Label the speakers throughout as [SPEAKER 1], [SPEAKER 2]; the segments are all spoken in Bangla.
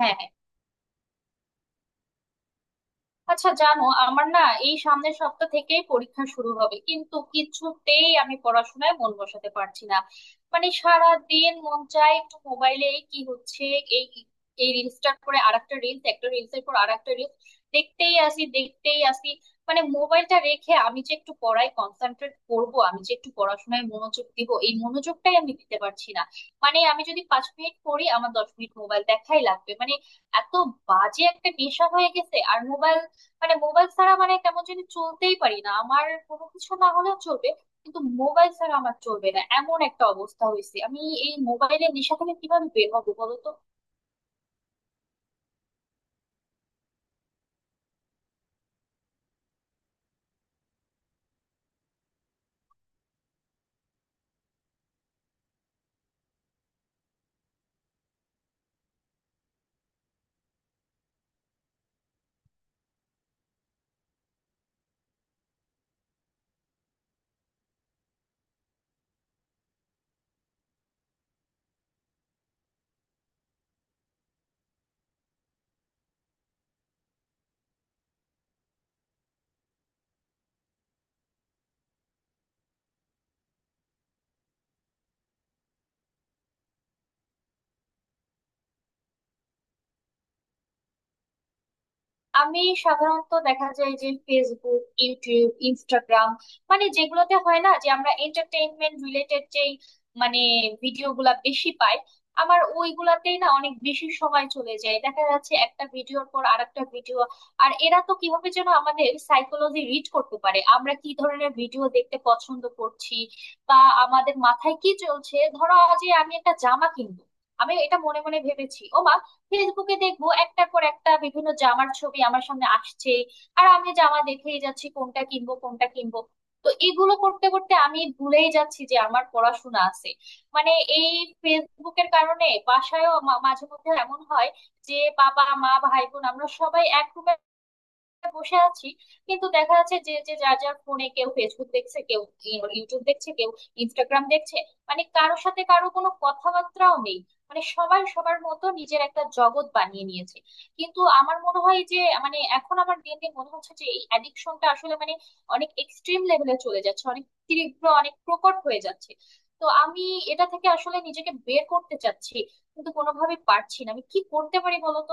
[SPEAKER 1] হ্যাঁ হ্যাঁ। আচ্ছা জানো আমার না, এই সামনের সপ্তাহ থেকেই পরীক্ষা শুরু হবে কিন্তু কিছুতেই আমি পড়াশোনায় মন বসাতে পারছি না। মানে সারা দিন মন চায় একটু মোবাইলে কি হচ্ছে, এই এই রিলসটার পরে আরেকটা রিলস, একটা রিলসের পর আরেকটা রিলস, দেখতেই আসি দেখতেই আসি। মানে মোবাইলটা রেখে আমি যে একটু পড়ায় কনসেন্ট্রেট করব, আমি যে একটু পড়াশোনায় মনোযোগ দিব, এই মনোযোগটাই আমি দিতে পারছি না। মানে আমি যদি 5 মিনিট পড়ি আমার 10 মিনিট মোবাইল দেখাই লাগবে, মানে এত বাজে একটা নেশা হয়ে গেছে আর মোবাইল। মানে মোবাইল ছাড়া মানে কেমন যদি চলতেই পারি না, আমার কোনো কিছু না হলেও চলবে কিন্তু মোবাইল ছাড়া আমার চলবে না, এমন একটা অবস্থা হয়েছে। আমি এই মোবাইলের নেশা থেকে কিভাবে বের হবো বলো তো? আমি সাধারণত দেখা যায় যে ফেসবুক, ইউটিউব, ইনস্টাগ্রাম, মানে যেগুলোতে হয় না যে আমরা এন্টারটেইনমেন্ট রিলেটেড যেই মানে ভিডিও গুলা বেশি পাই, আমার ওইগুলাতেই না অনেক বেশি সময় চলে যায়। দেখা যাচ্ছে একটা ভিডিওর পর আরেকটা ভিডিও। আর এরা তো কিভাবে যেন আমাদের সাইকোলজি রিড করতে পারে, আমরা কি ধরনের ভিডিও দেখতে পছন্দ করছি বা আমাদের মাথায় কি চলছে। ধরো যে আমি একটা জামা কিনবো, আমি এটা মনে মনে ভেবেছি, ও মা, ফেসবুকে দেখবো একটার পর একটা বিভিন্ন জামার ছবি আমার সামনে আসছে। আর আমি জামা দেখেই যাচ্ছি কোনটা কিনবো কোনটা কিনবো। তো এগুলো করতে করতে আমি ভুলেই যাচ্ছি যে আমার পড়াশোনা আছে। মানে এই ফেসবুকের কারণে বাসায়ও মাঝে মধ্যে এমন হয় যে বাবা মা ভাই বোন আমরা সবাই এক room বসে আছি, কিন্তু দেখা যাচ্ছে যে যে যার যার ফোনে কেউ ফেসবুক দেখছে, কেউ ইউটিউব দেখছে, কেউ ইনস্টাগ্রাম দেখছে। মানে কারোর সাথে কারো কোনো কথাবার্তাও নেই, মানে সবাই সবার মতো নিজের একটা জগৎ বানিয়ে নিয়েছে। কিন্তু আমার মনে হয় যে মানে এখন আমার দিন দিন মনে হচ্ছে যে এই অ্যাডিকশনটা আসলে মানে অনেক এক্সট্রিম লেভেলে চলে যাচ্ছে, অনেক তীব্র, অনেক প্রকট হয়ে যাচ্ছে। তো আমি এটা থেকে আসলে নিজেকে বের করতে চাচ্ছি কিন্তু কোনোভাবে পারছি না, আমি কি করতে পারি বলতো?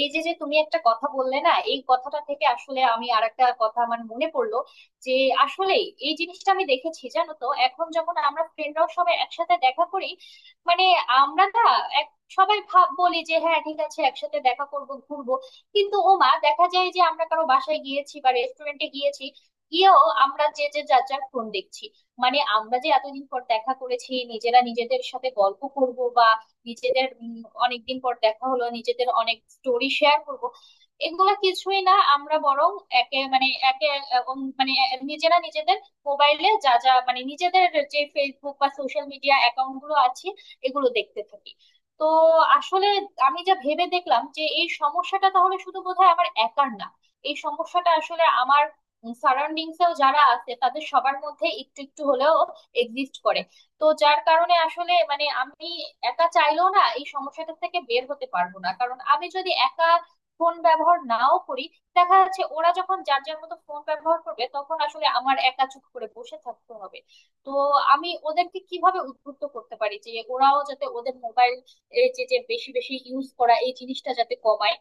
[SPEAKER 1] এই যে যে তুমি একটা কথা বললে না, এই কথাটা থেকে আসলে আমি আর একটা কথা আমার মনে পড়লো। যে আসলে এই জিনিসটা আমি দেখেছি জানো তো, এখন যখন আমরা ফ্রেন্ডরাও সবাই একসাথে দেখা করি, মানে আমরা না এক, সবাই ভাব বলি যে হ্যাঁ ঠিক আছে একসাথে দেখা করব ঘুরবো, কিন্তু ও মা দেখা যায় যে আমরা কারো বাসায় গিয়েছি বা রেস্টুরেন্টে গিয়েছি, গিয়েও আমরা যে যে যার যার ফোন দেখছি। মানে আমরা যে এতদিন পর দেখা করেছি নিজেরা নিজেদের সাথে গল্প করব বা নিজেদের অনেকদিন পর দেখা হলো নিজেদের অনেক স্টোরি শেয়ার করব, এগুলা কিছুই না, আমরা বরং একে মানে নিজেরা নিজেদের মোবাইলে যা যা মানে নিজেদের যে ফেসবুক বা সোশ্যাল মিডিয়া অ্যাকাউন্ট গুলো আছে এগুলো দেখতে থাকি। তো আসলে আমি যা ভেবে দেখলাম যে এই সমস্যাটা তাহলে শুধু বোধহয় আমার একার না, এই সমস্যাটা আসলে আমার সারাউন্ডিংসেও যারা আছে তাদের সবার মধ্যে একটু একটু হলেও এক্সিস্ট করে। তো যার কারণে আসলে মানে আমি একা চাইলেও না, এই সমস্যাটা থেকে বের হতে পারবো না, কারণ আমি যদি একা ফোন ব্যবহার নাও করি, দেখা যাচ্ছে ওরা যখন যার যার মতো ফোন ব্যবহার করবে তখন আসলে আমার একা চুপ করে বসে থাকতে হবে। তো আমি ওদেরকে কিভাবে উদ্বুদ্ধ করতে পারি যে ওরাও যাতে ওদের মোবাইল এই যে যে বেশি বেশি ইউজ করা এই জিনিসটা যাতে কমায়?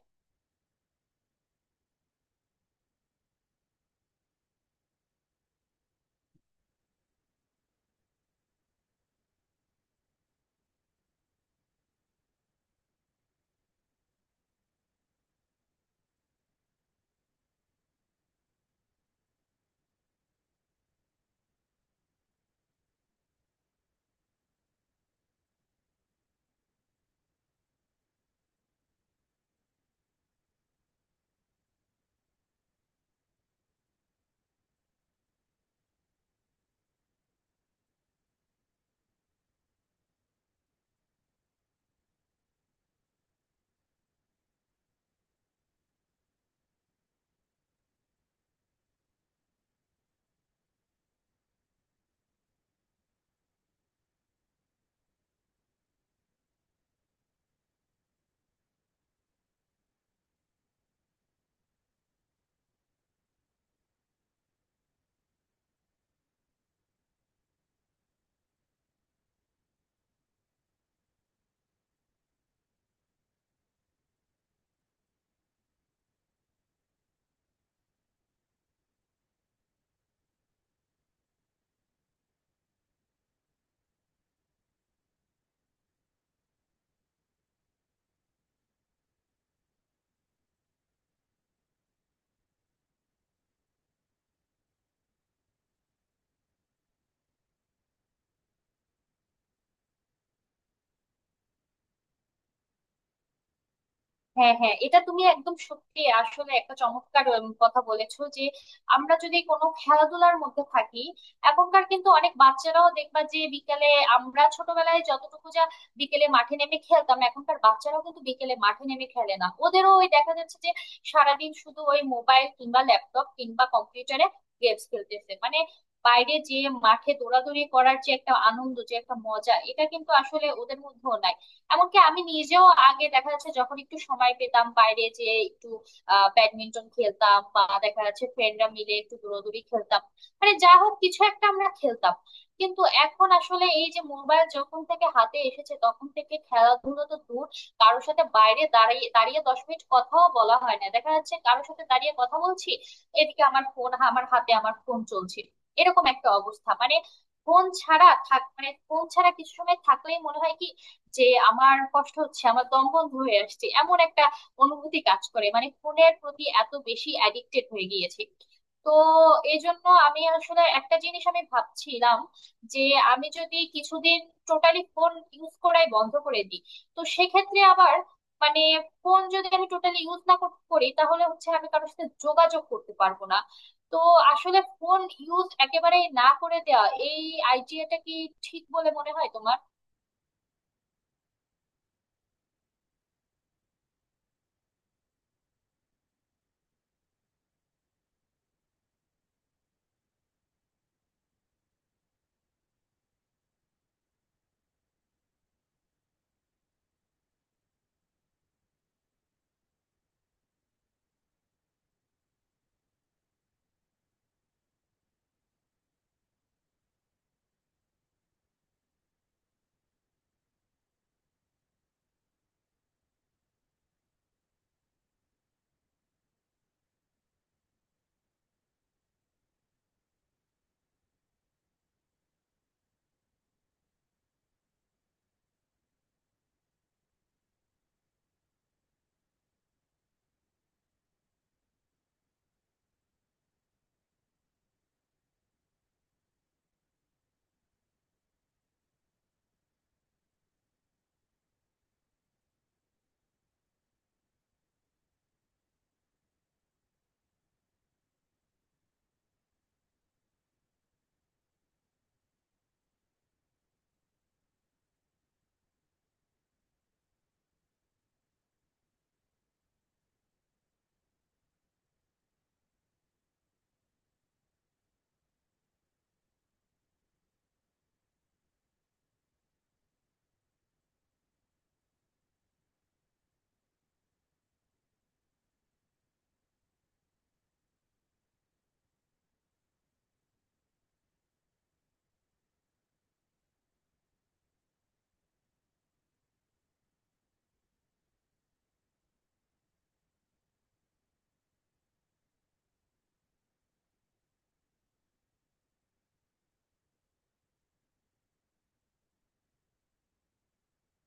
[SPEAKER 1] হ্যাঁ হ্যাঁ, এটা তুমি একদম সত্যি, আসলে একটা চমৎকার কথা বলেছো যে আমরা যদি কোনো খেলাধুলার মধ্যে থাকি। এখনকার কিন্তু অনেক বাচ্চারাও দেখবা যে বিকেলে, আমরা ছোটবেলায় যতটুকু যা বিকেলে মাঠে নেমে খেলতাম, এখনকার বাচ্চারাও কিন্তু বিকেলে মাঠে নেমে খেলে না, ওদেরও ওই দেখা যাচ্ছে যে সারাদিন শুধু ওই মোবাইল কিংবা ল্যাপটপ কিংবা কম্পিউটারে গেমস খেলতেছে। মানে বাইরে যে মাঠে দৌড়াদৌড়ি করার যে একটা আনন্দ, যে একটা মজা, এটা কিন্তু আসলে ওদের মধ্যেও নাই। এমনকি আমি নিজেও আগে দেখা যাচ্ছে যখন একটু সময় পেতাম বাইরে যে একটু ব্যাডমিন্টন খেলতাম বা দেখা যাচ্ছে ফ্রেন্ডরা মিলে একটু দৌড়াদৌড়ি খেলতাম, মানে যা হোক কিছু একটা আমরা খেলতাম। কিন্তু এখন আসলে এই যে মোবাইল যখন থেকে হাতে এসেছে তখন থেকে খেলাধুলো তো দূর, কারোর সাথে বাইরে দাঁড়িয়ে দাঁড়িয়ে 10 মিনিট কথাও বলা হয় না। দেখা যাচ্ছে কারোর সাথে দাঁড়িয়ে কথা বলছি, এদিকে আমার ফোন আমার হাতে, আমার ফোন চলছে। এরকম একটা অবস্থা, মানে ফোন ছাড়া থাক, মানে ফোন ছাড়া কিছু সময় থাকলেই মনে হয় কি যে আমার কষ্ট হচ্ছে, আমার দম বন্ধ হয়ে আসছে, এমন একটা অনুভূতি কাজ করে, মানে ফোনের প্রতি এত বেশি অ্যাডিক্টেড হয়ে গিয়েছে। তো এই জন্য আমি আসলে একটা জিনিস আমি ভাবছিলাম যে আমি যদি কিছুদিন টোটালি ফোন ইউজ করাই বন্ধ করে দিই। তো সেক্ষেত্রে আবার মানে ফোন যদি আমি টোটালি ইউজ না করি, তাহলে হচ্ছে আমি কারোর সাথে যোগাযোগ করতে পারবো না। তো আসলে ফোন ইউজ একেবারে না করে দেওয়া এই আইডিয়াটা কি ঠিক বলে মনে হয় তোমার?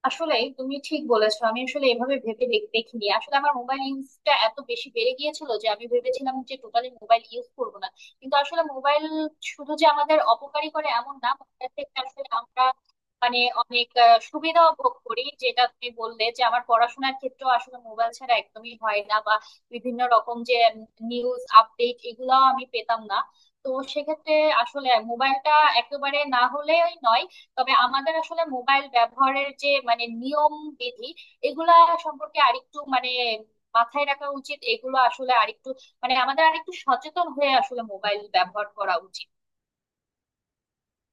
[SPEAKER 1] আসলে তুমি ঠিক বলেছো, আমি আসলে এভাবে ভেবে দেখিনি, আসলে আমার মোবাইল ইউজটা এত বেশি বেড়ে গিয়েছিল যে আমি ভেবেছিলাম যে টোটালি মোবাইল ইউজ করবো না। কিন্তু আসলে মোবাইল শুধু যে আমাদের অপকারী করে এমন না, মোবাইল থেকে আসলে আমরা মানে অনেক সুবিধাও ভোগ করি, যেটা তুমি বললে যে আমার পড়াশোনার ক্ষেত্রেও আসলে মোবাইল ছাড়া একদমই হয় না, বা বিভিন্ন রকম যে নিউজ আপডেট এগুলাও আমি পেতাম না। তো সেক্ষেত্রে আসলে মোবাইলটা একেবারে না হলেই নয়। তবে আমাদের আসলে মোবাইল ব্যবহারের যে মানে নিয়ম বিধি এগুলা সম্পর্কে আরেকটু মানে মাথায় রাখা উচিত, এগুলো আসলে আরেকটু মানে আমাদের আরেকটু সচেতন হয়ে আসলে মোবাইল ব্যবহার করা উচিত।